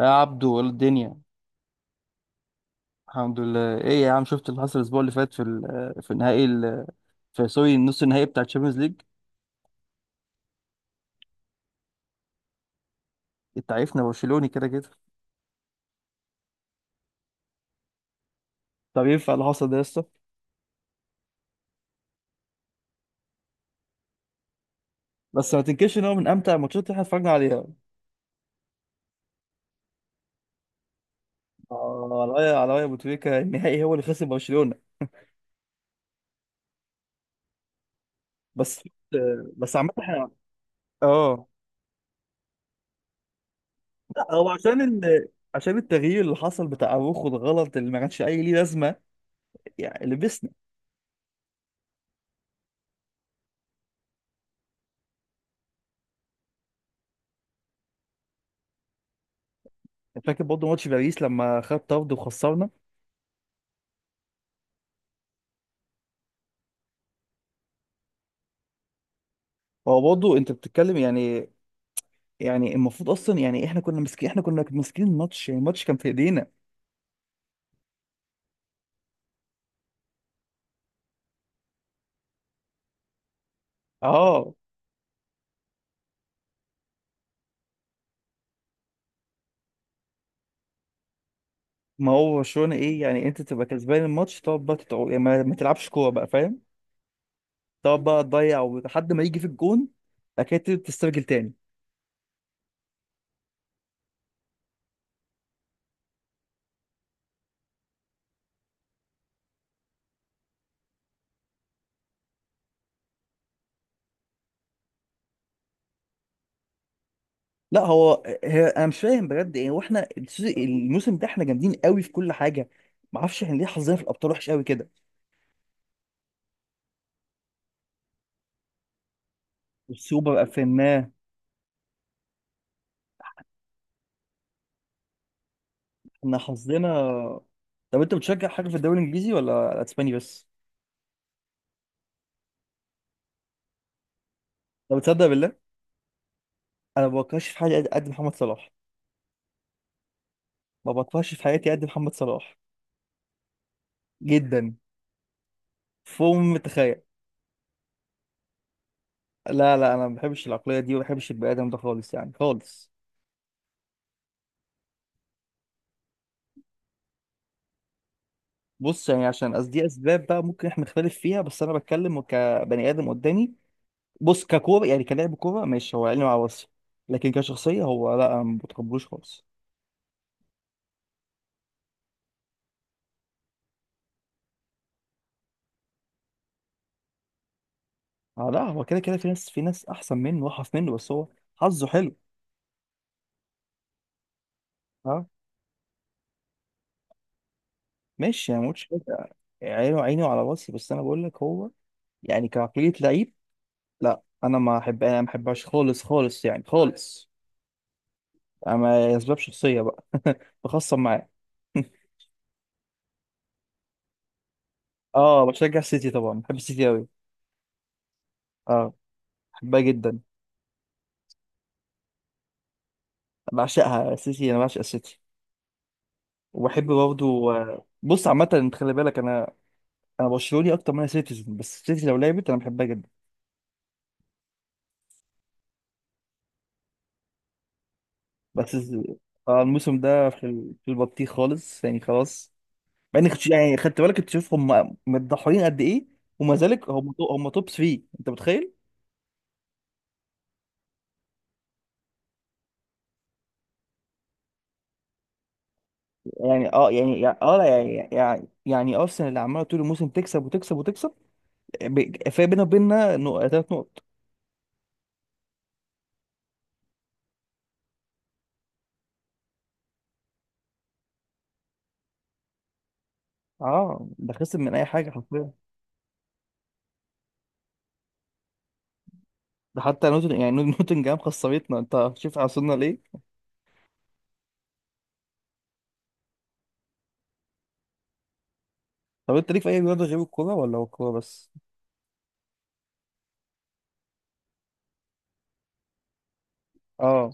يا عبدو الدنيا. الحمد لله. ايه يا عم، شفت اللي حصل الاسبوع اللي فات في ال- في النهائي ال- في سوري النص النهائي بتاع الشامبيونز ليج؟ انت عارفنا برشلوني كده كده. طب ينفع اللي حصل ده يا اسطى؟ بس ما تنكرش ان هو من امتع الماتشات اللي احنا اتفرجنا عليها. آه، على راي ابو تريكه، النهائي هو اللي خسر برشلونه. بس بس عامه احنا. اه، لا هو عشان التغيير اللي حصل بتاع اروخو، الغلط اللي ما كانش اي ليه لازمه. يعني لبسنا. فاكر برضه ماتش باريس لما خد طرد وخسرنا. هو برضه انت بتتكلم. يعني يعني المفروض اصلا، يعني احنا كنا ماسكين الماتش، يعني الماتش كان في ايدينا. اه. ما هو برشلونة ايه؟ يعني انت تبقى كسبان الماتش تقعد بقى يعني ما تلعبش كوره بقى، فاهم؟ تقعد بقى تضيع ولحد ما يجي في الجون. اكيد تسترجل تاني. لا، انا مش فاهم بجد. يعني واحنا الموسم ده احنا جامدين قوي في كل حاجه. ما اعرفش احنا ليه حظنا في الابطال وحش قوي كده. السوبر قفلناه. احنا حظنا. طب انت بتشجع حاجه في الدوري الانجليزي ولا الاسباني بس؟ طب تصدق بالله؟ انا ما بكرهش في حاجه قد قد محمد صلاح. ما بكرهش في حياتي قد محمد صلاح. جدا. فوق ما تتخيل. لا، لا، انا ما بحبش العقليه دي، وما بحبش البني ادم ده خالص، يعني خالص. بص، يعني عشان قصدي اسباب بقى ممكن احنا نختلف فيها، بس انا بتكلم كبني ادم قدامي. بص، ككوره يعني كلاعب كوره ماشي، هو عيني مع راسي. لكن كشخصيه هو، لا، انا ما بتقبلوش خالص. اه، لا، هو كده كده في ناس احسن منه، واحف منه، بس هو حظه حلو. اه. ماشي، يعني ما قلتش حاجه. عينه عيني وعلى راسي، بس انا بقول لك هو يعني كعقليه لعيب، لا انا ما بحبهاش خالص خالص، يعني خالص. اما اسباب شخصيه بقى بخصم معاه. اه، بشجع السيتي طبعا، بحب السيتي قوي. اه. بحبها جدا. بعشقها السيتي، انا بعشق السيتي. وبحب برضه. بص، عامه انت خلي بالك، انا انا برشلوني اكتر من انا سيتيزن، بس السيتي لو لعبت انا بحبها جدا. بس الز- اه الموسم ده في في البطيخ خالص، يعني خلاص. مع اني كنت يعني خدت بالك تشوف هم متضحيين قد ايه؟ وما ذلك هم هم توب 3، انت متخيل؟ يعني اه يعني يعني- اه لا يعني يعني يعني ارسنال اللي عماله طول الموسم تكسب وتكسب وتكسب. فرق بينها وبيننا 3 نقط. اه، ده خسر من اي حاجه حرفيا. ده حتى نوتن يعني نوتنجهام خسرتنا. انت شوف وصلنا ليه. طب انت ليك في اي رياضه غير الكوره ولا هو الكوره بس؟ اه،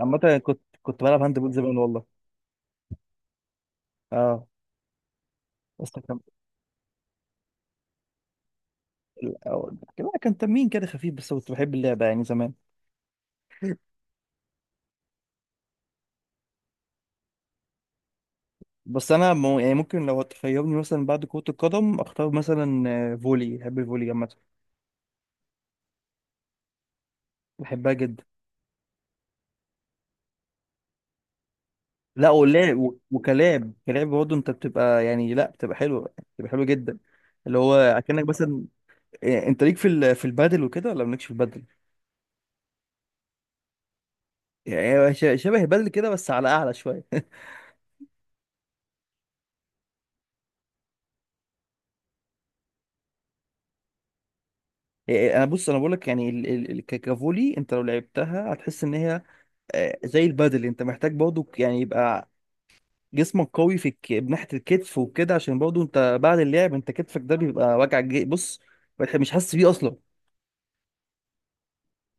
عامه أنا كنت بلعب هاند بول زمان والله. اه، بس كان لا، كان تمرين كده خفيف، بس كنت بحب اللعبه يعني زمان. بس انا يعني ممكن لو تخيرني مثلا بعد كره القدم اختار مثلا فولي، بحب الفولي عامه. بحبها جدا. لا، ولعب وكلاب كلاب برضه، انت بتبقى، يعني لا بتبقى حلو. بتبقى حلو جدا. اللي هو اكنك مثلا. إيه، انت ليك في في البادل وكده ولا مالكش في البادل؟ يعني هو شبه البادل كده، بس على اعلى شويه يعني انا بص، انا بقول لك يعني ككافولي، انت لو لعبتها هتحس ان هي زي البادل، انت محتاج برضه يعني يبقى جسمك قوي ناحيه الكتف وكده، عشان برضه انت بعد اللعب انت كتفك ده بيبقى وجع بص، مش حاسس بيه اصلا.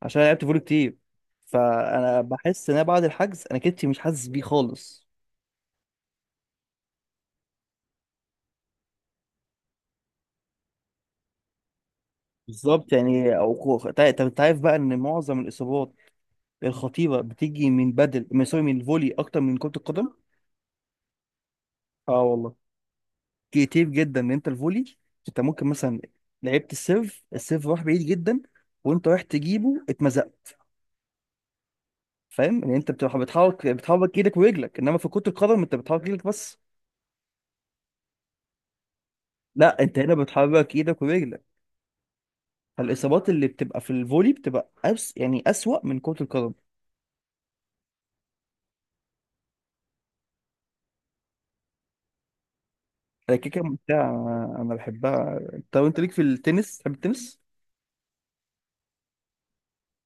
عشان أنا لعبت فولي كتير، فانا بحس ان أنا بعد الحجز انا كتفي مش حاسس بيه خالص. بالظبط، يعني طب انت عارف بقى ان معظم الاصابات الخطيره بتيجي من بدل من سوري من الفولي اكتر من كره القدم. اه والله. كتير جدا، ان انت الفولي، انت ممكن مثلا لعبت السيرف، السيرف راح بعيد جدا وانت رايح تجيبه اتمزقت. فاهم ان انت بتروح بتحرك ايدك ورجلك، انما في كرة القدم انت بتحرك ايدك بس. لا، انت هنا بتحرك ايدك ورجلك. فالاصابات اللي بتبقى في الفولي بتبقى أس... يعني اسوأ من كرة القدم. هي كيكه ممتعه، انا بحبها. طب انت ليك في التنس؟ تحب التنس؟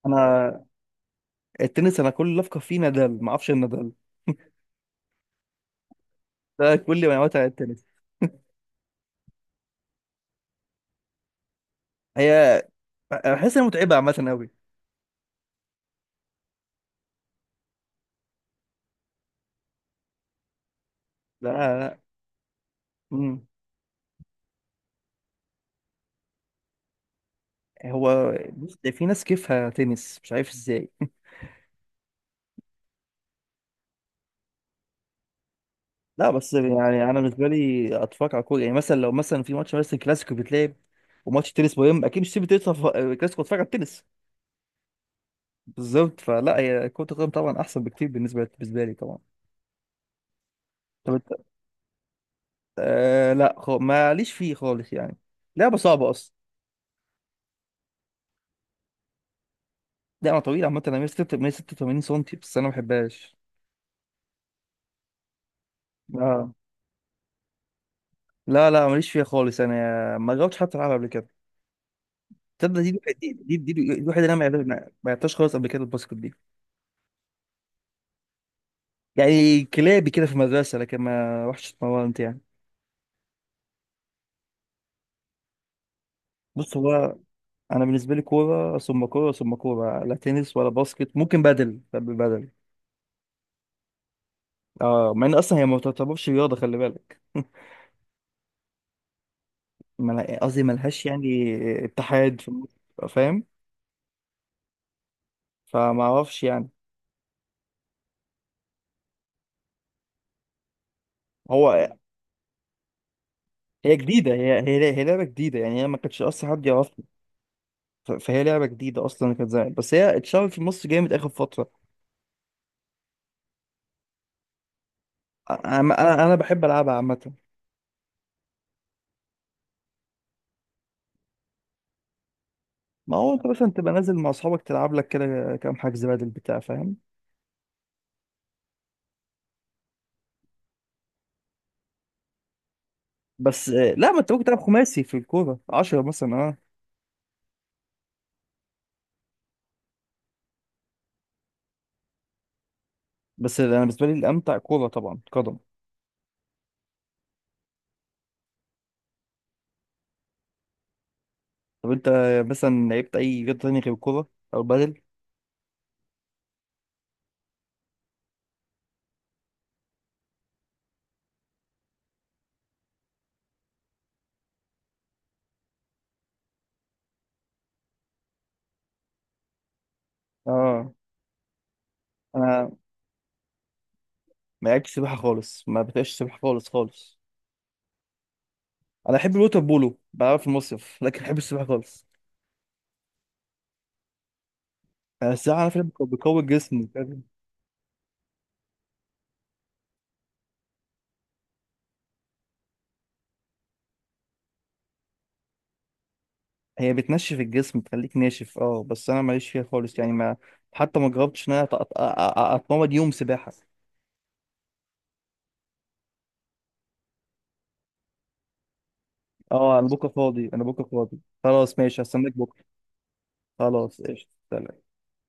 انا التنس، انا كل اللي افكر فيه نادال. ما اعرفش إيه نادال. ده كل معلوماتي عن التنس. هي بحس انها متعبه عامه قوي. لا، لا. امم هو بص، ده في ناس كيفها تنس، مش عارف ازاي. لا، بس يعني انا بالنسبه لي اتفرج على كوره، يعني مثلا لو مثلا في ماتش مثلا كلاسيكو بيتلعب وماتش تنس مهم، اكيد مش سيب تنس كلاسيكو اتفرج على التنس. بالظبط. فلا، هي كرة القدم طبعا أحسن بكتير بالنسبة لي طبعا. طب أنت. آه، لا، ماليش فيه خالص يعني، لعبة صعبة أصلا، لعبة طويلة عامة. أنا 186 سم، بس أنا ما بحبهاش. اه، لا، لا، ماليش فيها خالص، أنا ما جربتش حتى ألعبها قبل كده. تصدق دي الوحيدة اللي أنا ما لعبتهاش خالص قبل كده، الباسكت دي. يعني كلابي كده في المدرسة، لكن ما رحتش اتمرنت يعني. بص، هو أنا بالنسبة لي كورة ثم كورة ثم كورة، لا تنس ولا باسكت. ممكن بدل، بحب بدل. اه، مع ان اصلا هي ما تعتبرش رياضه، خلي بالك ما أنا- قصدي ملهاش يعني اتحاد في مصر. فاهم. فما اعرفش يعني. هو هي جديده هي هي هي لعبه جديده، يعني هي ما كانتش اصلا حد يعرفها. فهي لعبه جديده اصلا، كانت زمان بس هي اتشهرت في مصر جامد اخر فتره. انا بحب العبها عامه. ما هو انت مثلا تبقى نازل مع اصحابك تلعب لك كده كام حجز بدل بتاع، فاهم. بس لا، ما انت ممكن تلعب خماسي في الكوره، 10 مثلا، اه. بس انا بالنسبه لي الامتع كوره، طبعا قدم. طب انت مثلا لعبت اي رياضه تانية غير الكوره او البادل؟ اه، انا ما لعبتش سباحه خالص، ما بتبقاش سباحه خالص خالص. انا احب الوتر بولو، بعرف المصيف، لكن احب السباحه خالص. انا السباحه على فكره بتقوي الجسم بجد؟ هي بتنشف الجسم، بتخليك ناشف. اه، بس انا ماليش فيها خالص، يعني ما حتى ما جربتش ان انا اتمرن يوم سباحه. اه، انا بكره فاضي، خلاص، ماشي، هستناك بكره. خلاص قشطه، سلام.